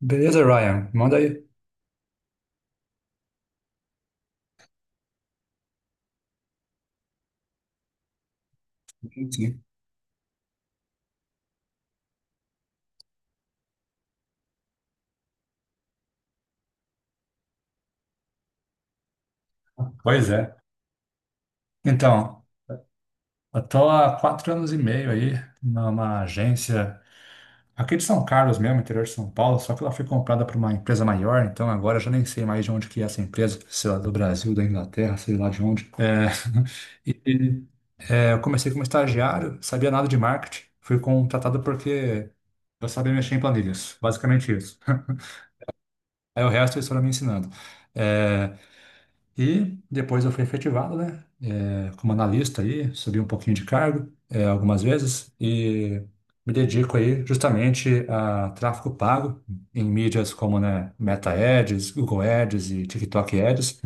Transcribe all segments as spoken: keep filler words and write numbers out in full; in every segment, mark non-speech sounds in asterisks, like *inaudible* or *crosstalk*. Beleza, Ryan? Manda aí. Sim. Pois é. Então, eu tô há quatro anos e meio aí numa agência aqui de São Carlos mesmo, interior de São Paulo, só que ela foi comprada por uma empresa maior, então agora eu já nem sei mais de onde que é essa empresa, sei lá, do Brasil, da Inglaterra, sei lá de onde. É, *laughs* e é, eu comecei como estagiário, sabia nada de marketing, fui contratado porque eu sabia mexer em planilhas, basicamente isso. *laughs* Aí o resto eles foram me ensinando. É, e depois eu fui efetivado, né? Eh, como analista aí, subi um pouquinho de cargo eh, algumas vezes e me dedico aí justamente a tráfego pago em mídias como, né, Meta Ads, Google Ads e TikTok Ads.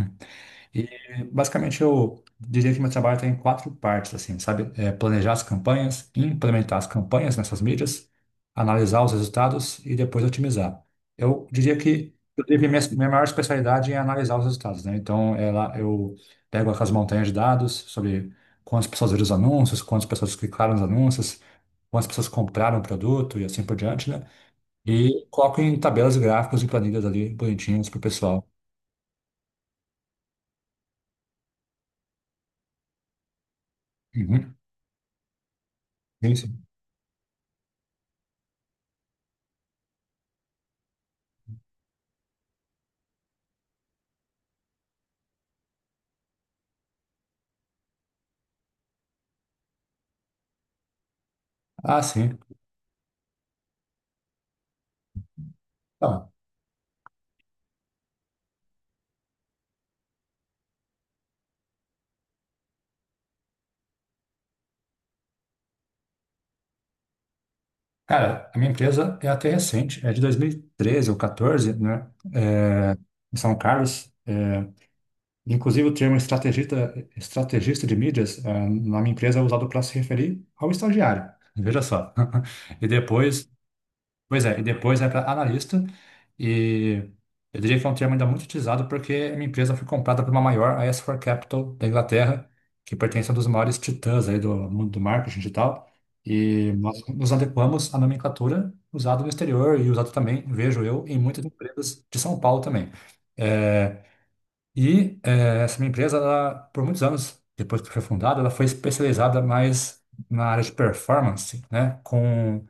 E basicamente eu diria que meu trabalho está em quatro partes, assim, sabe? É planejar as campanhas, implementar as campanhas nessas mídias, analisar os resultados e depois otimizar. Eu diria que eu tive minha, minha maior especialidade é analisar os resultados, né? Então, ela, eu pego aquelas montanhas de dados sobre quantas pessoas viram os anúncios, quantas pessoas clicaram nos anúncios, quantas pessoas compraram o produto e assim por diante, né? E coloco em tabelas e gráficos e planilhas ali bonitinhas para o pessoal. Uhum. Sim, sim. Ah, sim. Então, Cara, a minha empresa é até recente, é de dois mil e treze ou quatorze, né? É, em São Carlos. Inclusive, o termo estrategista, estrategista de mídias, eh, na minha empresa é usado para se referir ao estagiário. Veja só. *laughs* E depois Pois é, e depois vai para analista, e eu diria que é um termo ainda muito utilizado porque minha empresa foi comprada por uma maior, a S quatro Capital da Inglaterra, que pertence a um dos maiores titãs aí do mundo do marketing digital, e nós nos adequamos à nomenclatura usada no exterior e usada também, vejo eu, em muitas empresas de São Paulo também. É, e é, essa minha empresa, ela, por muitos anos, depois que foi fundada, ela foi especializada mais na área de performance, né, com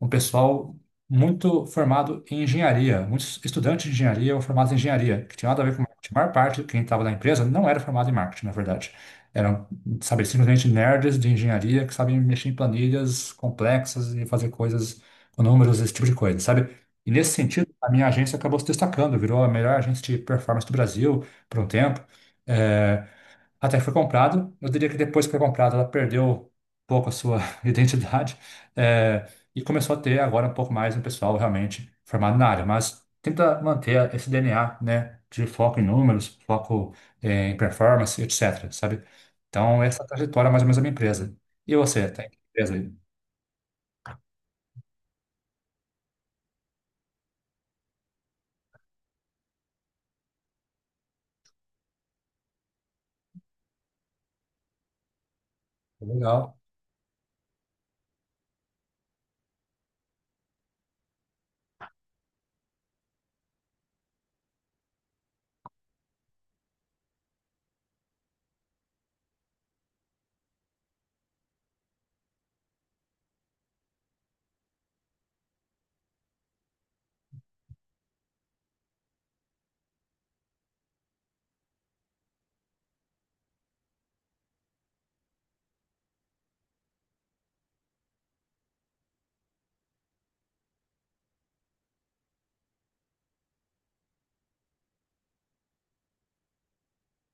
um pessoal muito formado em engenharia, muitos estudantes de engenharia ou formados em engenharia, que tinha nada a ver com marketing. A maior parte, quem estava na empresa, não era formado em marketing, na verdade. Eram, sabe, simplesmente nerds de engenharia que sabem mexer em planilhas complexas e fazer coisas com números, esse tipo de coisa, sabe? E nesse sentido, a minha agência acabou se destacando, virou a melhor agência de performance do Brasil por um tempo. Eh, Até que foi comprado. Eu diria que depois que foi comprado, ela perdeu um pouco a sua *laughs* identidade, eh, e começou a ter agora um pouco mais um pessoal realmente formado na área. Mas tenta manter esse D N A, né, de foco em números, foco, eh, em performance, etcétera. Sabe? Então, essa é a trajetória é mais ou menos da minha empresa. E você, tá em que empresa aí? Legal.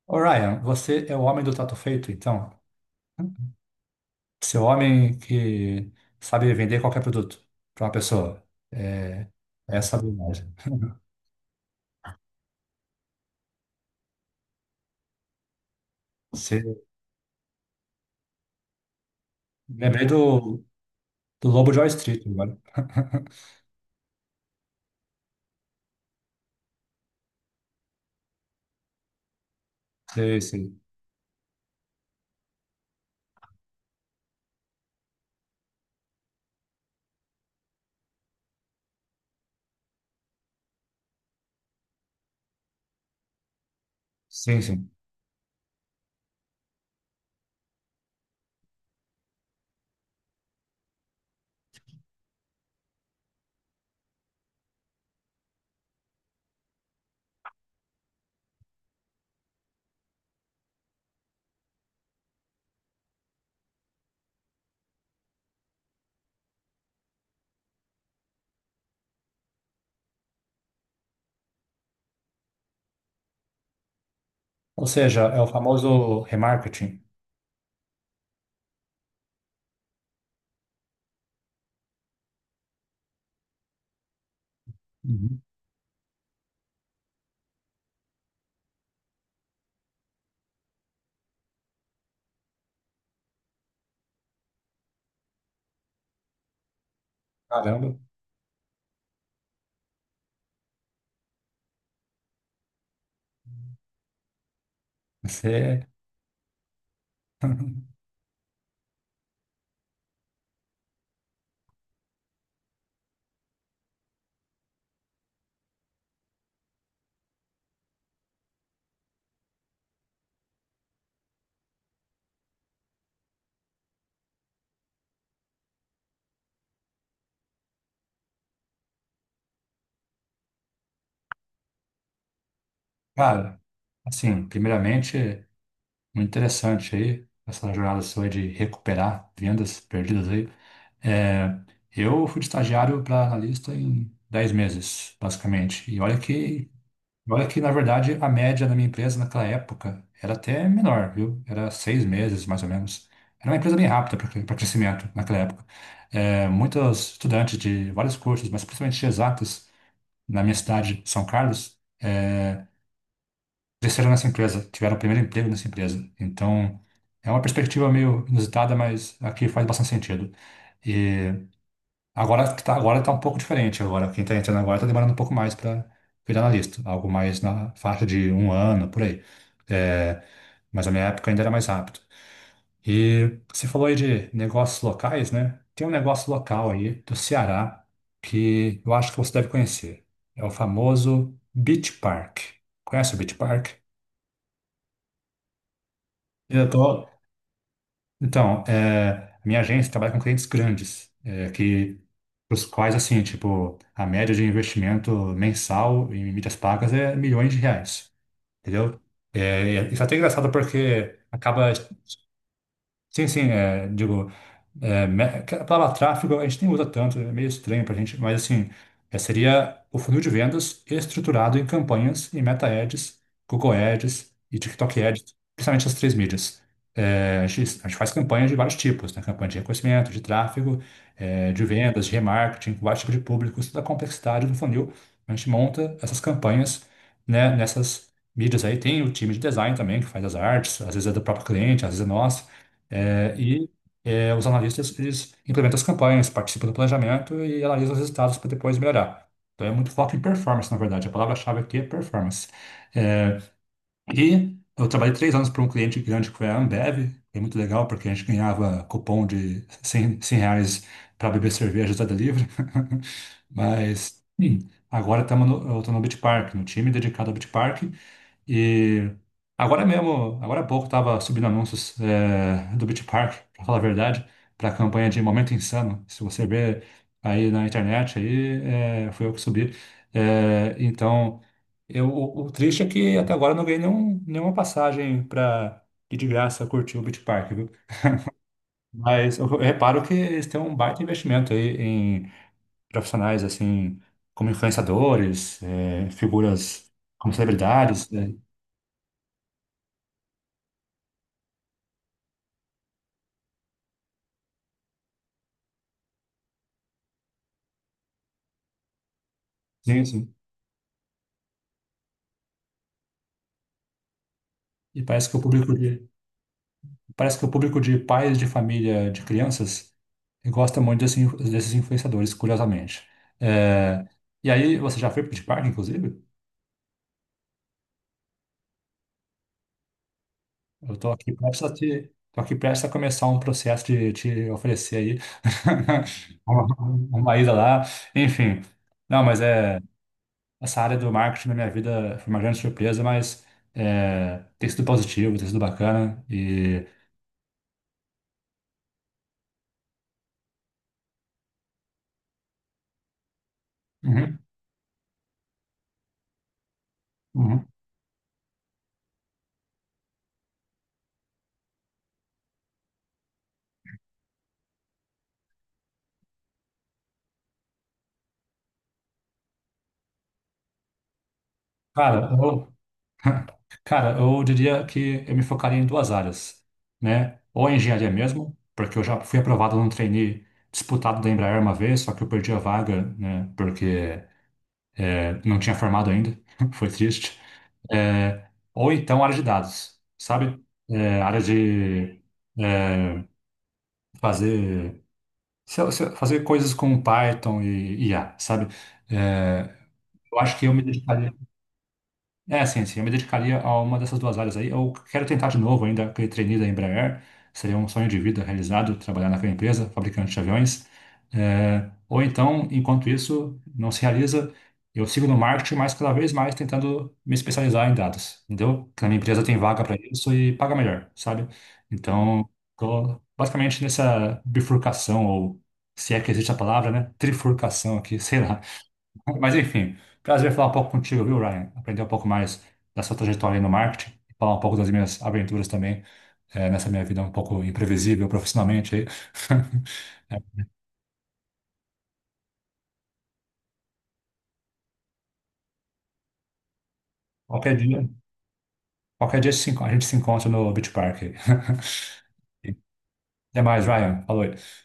Ô, Ryan, você é o homem do trato feito, então? Você é o homem que sabe vender qualquer produto para uma pessoa. É, essa é a habilidade. Você... Lembrei do, do Lobo de Wall Street agora. *laughs* Sei, sei. Sim, sim. Ou seja, é o famoso remarketing. Uhum. Caramba, você. *laughs* Cara, assim, primeiramente, muito interessante aí, essa jornada sua de recuperar vendas perdidas aí. É, eu fui de estagiário para analista em dez meses, basicamente. E olha que Olha que, na verdade, a média na minha empresa naquela época era até menor, viu? Era seis meses, mais ou menos. Era uma empresa bem rápida para crescimento naquela época. É, muitos estudantes de vários cursos, mas principalmente de exatas, na minha cidade, São Carlos, é, cresceram nessa empresa, tiveram o primeiro emprego nessa empresa. Então, é uma perspectiva meio inusitada, mas aqui faz bastante sentido. Agora que tá, agora tá um pouco diferente. Agora, quem tá entrando agora tá demorando um pouco mais para virar analista. Algo mais na faixa de um ano, por aí. É, mas na minha época ainda era mais rápido. E você falou aí de negócios locais, né? Tem um negócio local aí do Ceará que eu acho que você deve conhecer. É o famoso Beach Park. Conhece o Beach Park? Eu tô, Então, é, a minha agência trabalha com clientes grandes, é, que os quais, assim, tipo, a média de investimento mensal em mídias pagas é milhões de reais, entendeu? É, é- isso é até engraçado porque acaba. Sim, sim, é, digo, é, me- que a palavra tráfego a gente nem usa tanto, é meio estranho para a gente, mas assim, é, seria o funil de vendas estruturado em campanhas e Meta Ads, Google Ads e TikTok Ads, principalmente as três mídias. É, a gente, a gente faz campanhas de vários tipos, né? Campanha de reconhecimento, de tráfego, é, de vendas, de remarketing, com vários tipos de públicos, toda a complexidade do funil. A gente monta essas campanhas, né, nessas mídias aí. Tem o time de design também, que faz as artes, às vezes é do próprio cliente, às vezes é nosso. É, e é, os analistas, eles implementam as campanhas, participam do planejamento e analisam os resultados para depois melhorar. Então, é muito foco em performance, na verdade. A palavra-chave aqui é performance. É, e eu trabalhei três anos para um cliente grande que foi a Ambev. É muito legal, porque a gente ganhava cupom de cem 100 reais para beber cerveja da delivery. *laughs* Mas, sim, agora estamos no, eu estou no Beach Park, no time dedicado ao Beach Park. E agora mesmo, agora há pouco, estava subindo anúncios é, do Beach Park, para falar a verdade, para a campanha de Momento Insano. Se você ver aí na internet, aí é, foi eu que subi. É, então, eu, o, o triste é que até agora eu não ganhei nenhum, nenhuma passagem para ir de graça curtir o Beach Park, viu? Mas eu reparo que eles têm um baita investimento aí em profissionais, assim, como influenciadores, é, figuras como celebridades, né? Sim, sim. E parece que o público de, parece que o público de pais de família de crianças gosta muito desse, desses influenciadores, curiosamente. É, e aí, você já foi pro Beach Park, inclusive? Eu tô aqui prestes a te, tô aqui prestes a começar um processo de te oferecer aí *laughs* uma, uma ida lá. Enfim. Não, mas é essa área do marketing na minha vida foi uma grande surpresa, mas é, tem sido positivo, tem sido bacana e uhum, uhum. Cara, eu, *laughs* Cara, eu diria que eu me focaria em duas áreas, né? Ou a engenharia mesmo, porque eu já fui aprovado num trainee disputado da Embraer uma vez, só que eu perdi a vaga, né? Porque é, não tinha formado ainda, *laughs* foi triste. É, ou então área de dados, sabe? É, área de é, fazer, se- se- fazer coisas com Python e I A, sabe? É, eu acho que eu me dedicaria. É, sim, sim. Eu me dedicaria a uma dessas duas áreas aí. Eu quero tentar de novo ainda aquele trainee da Embraer. Seria um sonho de vida realizado, trabalhar naquela empresa, fabricante de aviões. É, ou então, enquanto isso não se realiza, eu sigo no marketing, mas cada vez mais tentando me especializar em dados, entendeu? Que na minha empresa tem vaga para isso e paga melhor, sabe? Então, tô basicamente nessa bifurcação, ou se é que existe a palavra, né? Trifurcação aqui, *laughs* sei lá. Mas enfim, prazer falar um pouco contigo, viu, Ryan? Aprender um pouco mais da sua trajetória aí no marketing, falar um pouco das minhas aventuras também, eh, nessa minha vida um pouco imprevisível profissionalmente aí. *laughs* É, qualquer dia, qualquer dia se enco- a gente se encontra no Beach Park aí. *laughs* Até mais, Ryan. Falou aí.